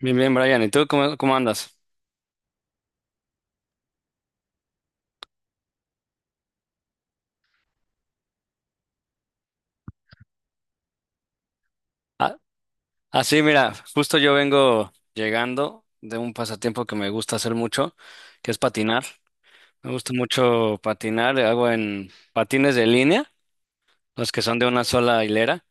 Bien, bien, Brian. ¿Y tú cómo andas? Ah, ah, sí, mira, justo yo vengo llegando de un pasatiempo que me gusta hacer mucho, que es patinar. Me gusta mucho patinar, hago en patines de línea, los que son de una sola hilera.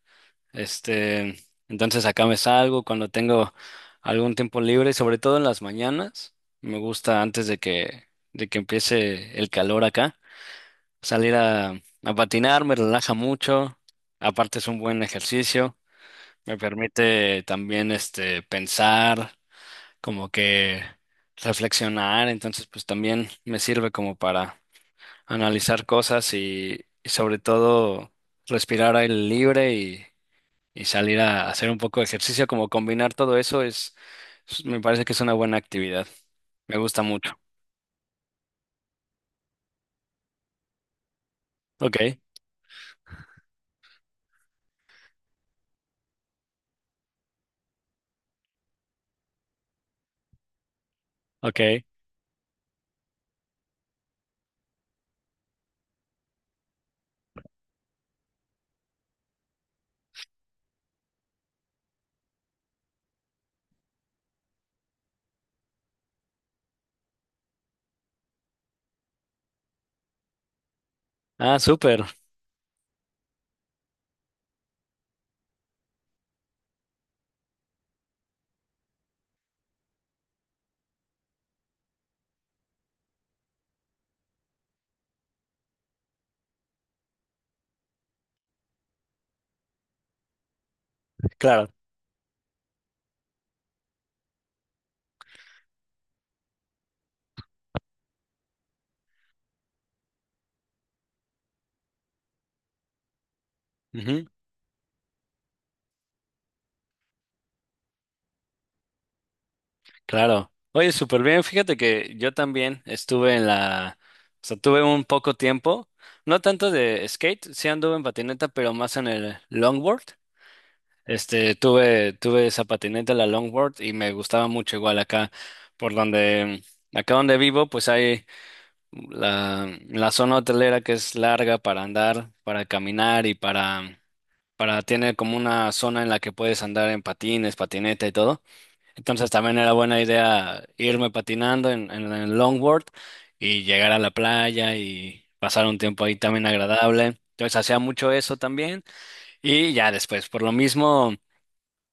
Este, entonces acá me salgo cuando tengo algún tiempo libre, sobre todo en las mañanas. Me gusta antes de que empiece el calor acá, salir a patinar, me relaja mucho. Aparte es un buen ejercicio. Me permite también este pensar, como que reflexionar, entonces pues también me sirve como para analizar cosas y sobre todo respirar aire libre y salir a hacer un poco de ejercicio, como combinar todo eso me parece que es una buena actividad. Me gusta mucho. Ok, ok. Ah, súper, claro. Ujú. Claro. Oye, súper bien. Fíjate que yo también estuve o sea, tuve un poco tiempo, no tanto de skate, sí anduve en patineta, pero más en el longboard. Tuve esa patineta, la longboard, y me gustaba mucho igual acá, por donde, acá donde vivo, pues hay la zona hotelera que es larga para andar, para caminar y tiene como una zona en la que puedes andar en patines, patineta y todo. Entonces también era buena idea irme patinando en el longboard y llegar a la playa y pasar un tiempo ahí también agradable. Entonces hacía mucho eso también y ya después, por lo mismo,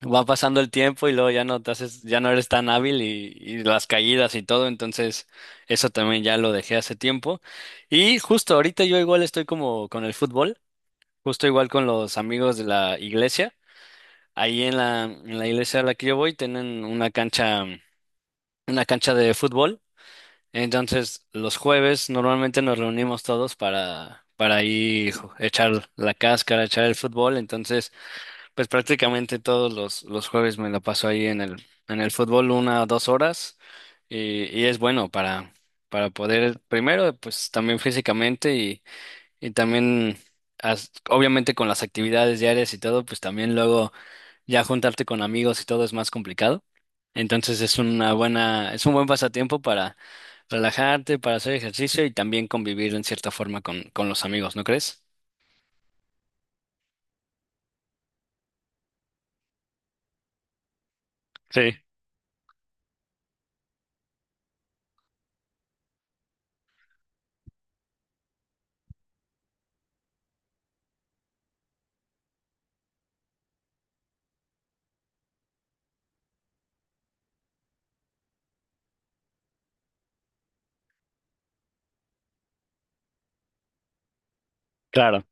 va pasando el tiempo y luego ya no te haces, ya no eres tan hábil y las caídas y todo, entonces eso también ya lo dejé hace tiempo. Y justo ahorita yo igual estoy como con el fútbol, justo igual con los amigos de la iglesia. Ahí en la iglesia a la que yo voy tienen una cancha de fútbol. Entonces, los jueves normalmente nos reunimos todos para ahí echar la cáscara, echar el fútbol. Entonces, pues prácticamente todos los jueves me la paso ahí en el fútbol una o dos horas. Y es bueno para poder, primero, pues también físicamente y también, obviamente con las actividades diarias y todo, pues también luego ya juntarte con amigos y todo es más complicado. Entonces es una buena, es un buen pasatiempo para relajarte, para hacer ejercicio y también convivir en cierta forma con los amigos, ¿no crees? Sí, claro.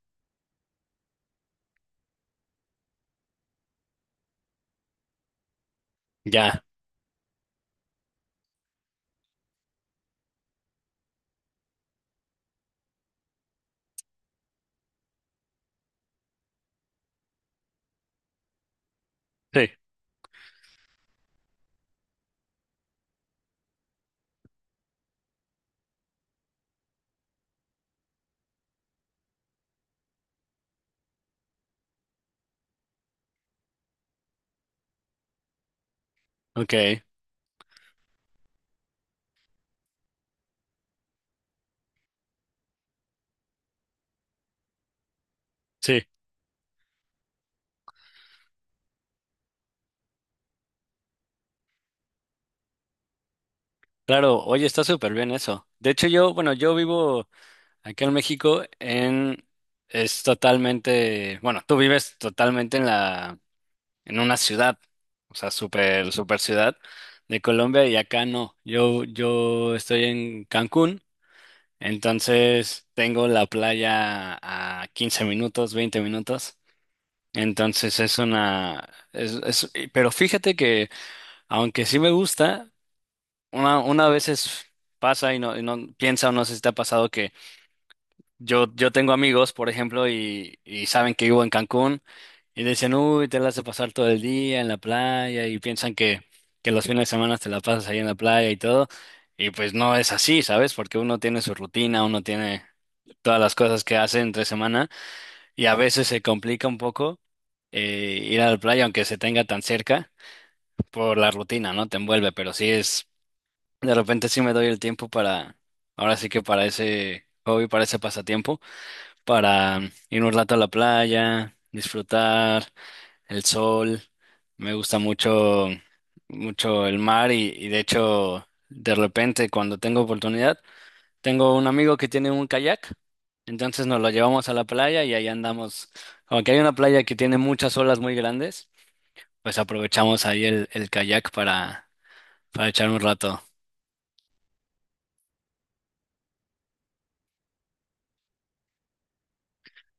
Ya. Sí. Ok, sí, claro, oye, está súper bien eso. De hecho, yo, bueno, yo vivo aquí en México es totalmente, bueno, tú vives totalmente en una ciudad, o sea, súper, súper ciudad de Colombia y acá no. Yo estoy en Cancún, entonces tengo la playa a 15 minutos, 20 minutos. Entonces es una, es- y- pero fíjate que aunque sí me gusta, una veces pasa y no piensa o no sé si te ha pasado que yo tengo amigos, por ejemplo, y saben que vivo en Cancún. Y dicen, uy, te la hace pasar todo el día en la playa y piensan que los fines de semana te la pasas ahí en la playa y todo. Y pues no es así, ¿sabes? Porque uno tiene su rutina, uno tiene todas las cosas que hace entre semana y a veces se complica un poco ir a la playa, aunque se tenga tan cerca, por la rutina, ¿no? Te envuelve, pero de repente sí me doy el tiempo para, ahora sí que para ese hobby, para ese pasatiempo, para ir un rato a la playa, disfrutar el sol, me gusta mucho, mucho el mar y de hecho, de repente cuando tengo oportunidad, tengo un amigo que tiene un kayak, entonces nos lo llevamos a la playa y ahí andamos. Aunque hay una playa que tiene muchas olas muy grandes, pues aprovechamos ahí el kayak para echar un rato.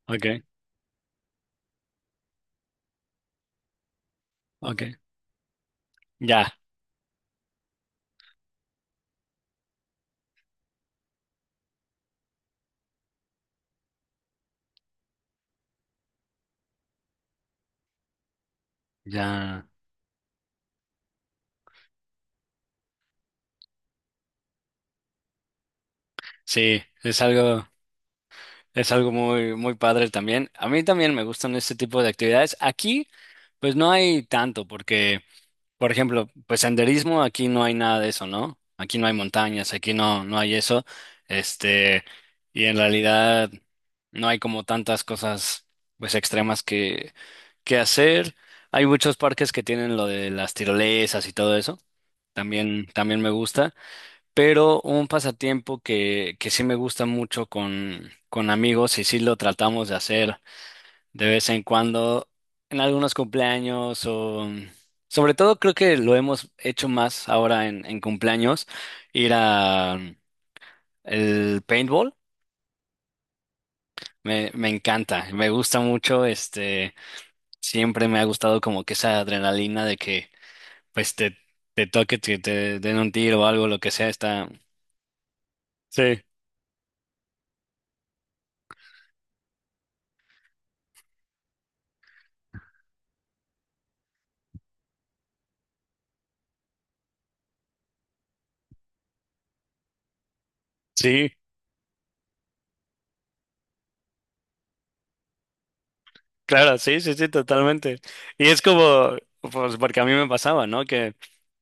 Okay, okay. Ya, ya. Sí, es algo muy, muy padre también. A mí también me gustan este tipo de actividades. Aquí, pues no hay tanto porque... Por ejemplo, pues senderismo, aquí no hay nada de eso, ¿no? Aquí no hay montañas, aquí no, no hay eso. Este, y en realidad no hay como tantas cosas, pues extremas que hacer. Hay muchos parques que tienen lo de las tirolesas y todo eso. También, también me gusta. Pero un pasatiempo que sí me gusta mucho con amigos y sí lo tratamos de hacer de vez en cuando, en algunos cumpleaños o... Sobre todo creo que lo hemos hecho más ahora en cumpleaños, ir a el paintball. Me encanta, me gusta mucho, este, siempre me ha gustado como que esa adrenalina de que pues te toque, te den un tiro o algo, lo que sea, está... Sí, sí. Claro, sí, sí, sí, totalmente. Y es como, pues porque a mí me pasaba, ¿no? Que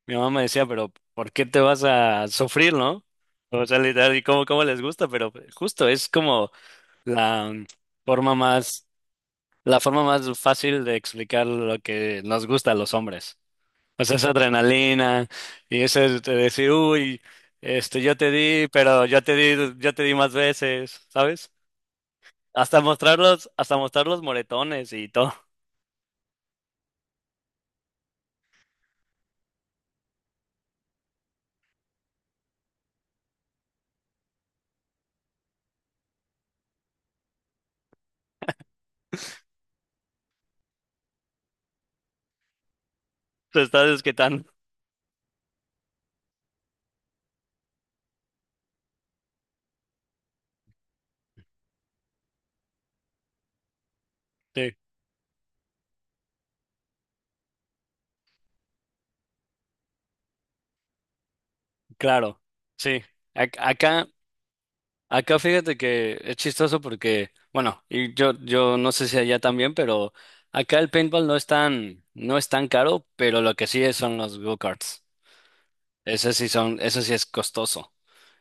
mi mamá me decía, pero ¿por qué te vas a sufrir, no? O sea, literal, y cómo les gusta, pero justo es como la forma más, la forma más fácil de explicar lo que nos gusta a los hombres. O sea, esa adrenalina y ese de decir, uy, este, yo te di, pero yo te di más veces, ¿sabes? Hasta mostrar los moretones y todo. Te estás desquitando. Sí, claro, sí. Ac- Acá, acá fíjate que es chistoso porque, bueno, y yo no sé si allá también, pero acá el paintball no es tan caro, pero lo que sí es son los go-karts. Eso sí es costoso.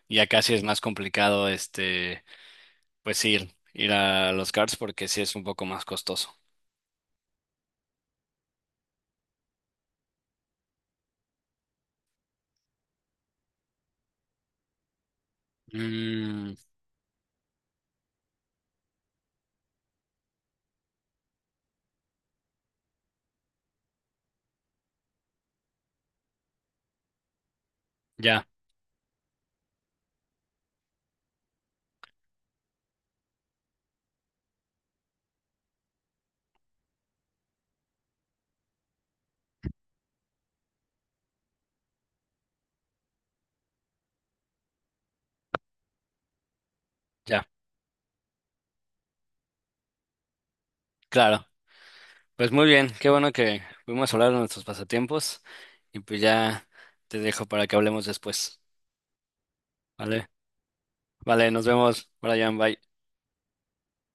Y acá sí es más complicado, este, pues ir, ir a los karts porque sí es un poco más costoso. Mm, ya, ya, claro. Pues muy bien, qué bueno que pudimos hablar de nuestros pasatiempos y pues ya te dejo para que hablemos después. Vale, vale, nos vemos, Brian, bye.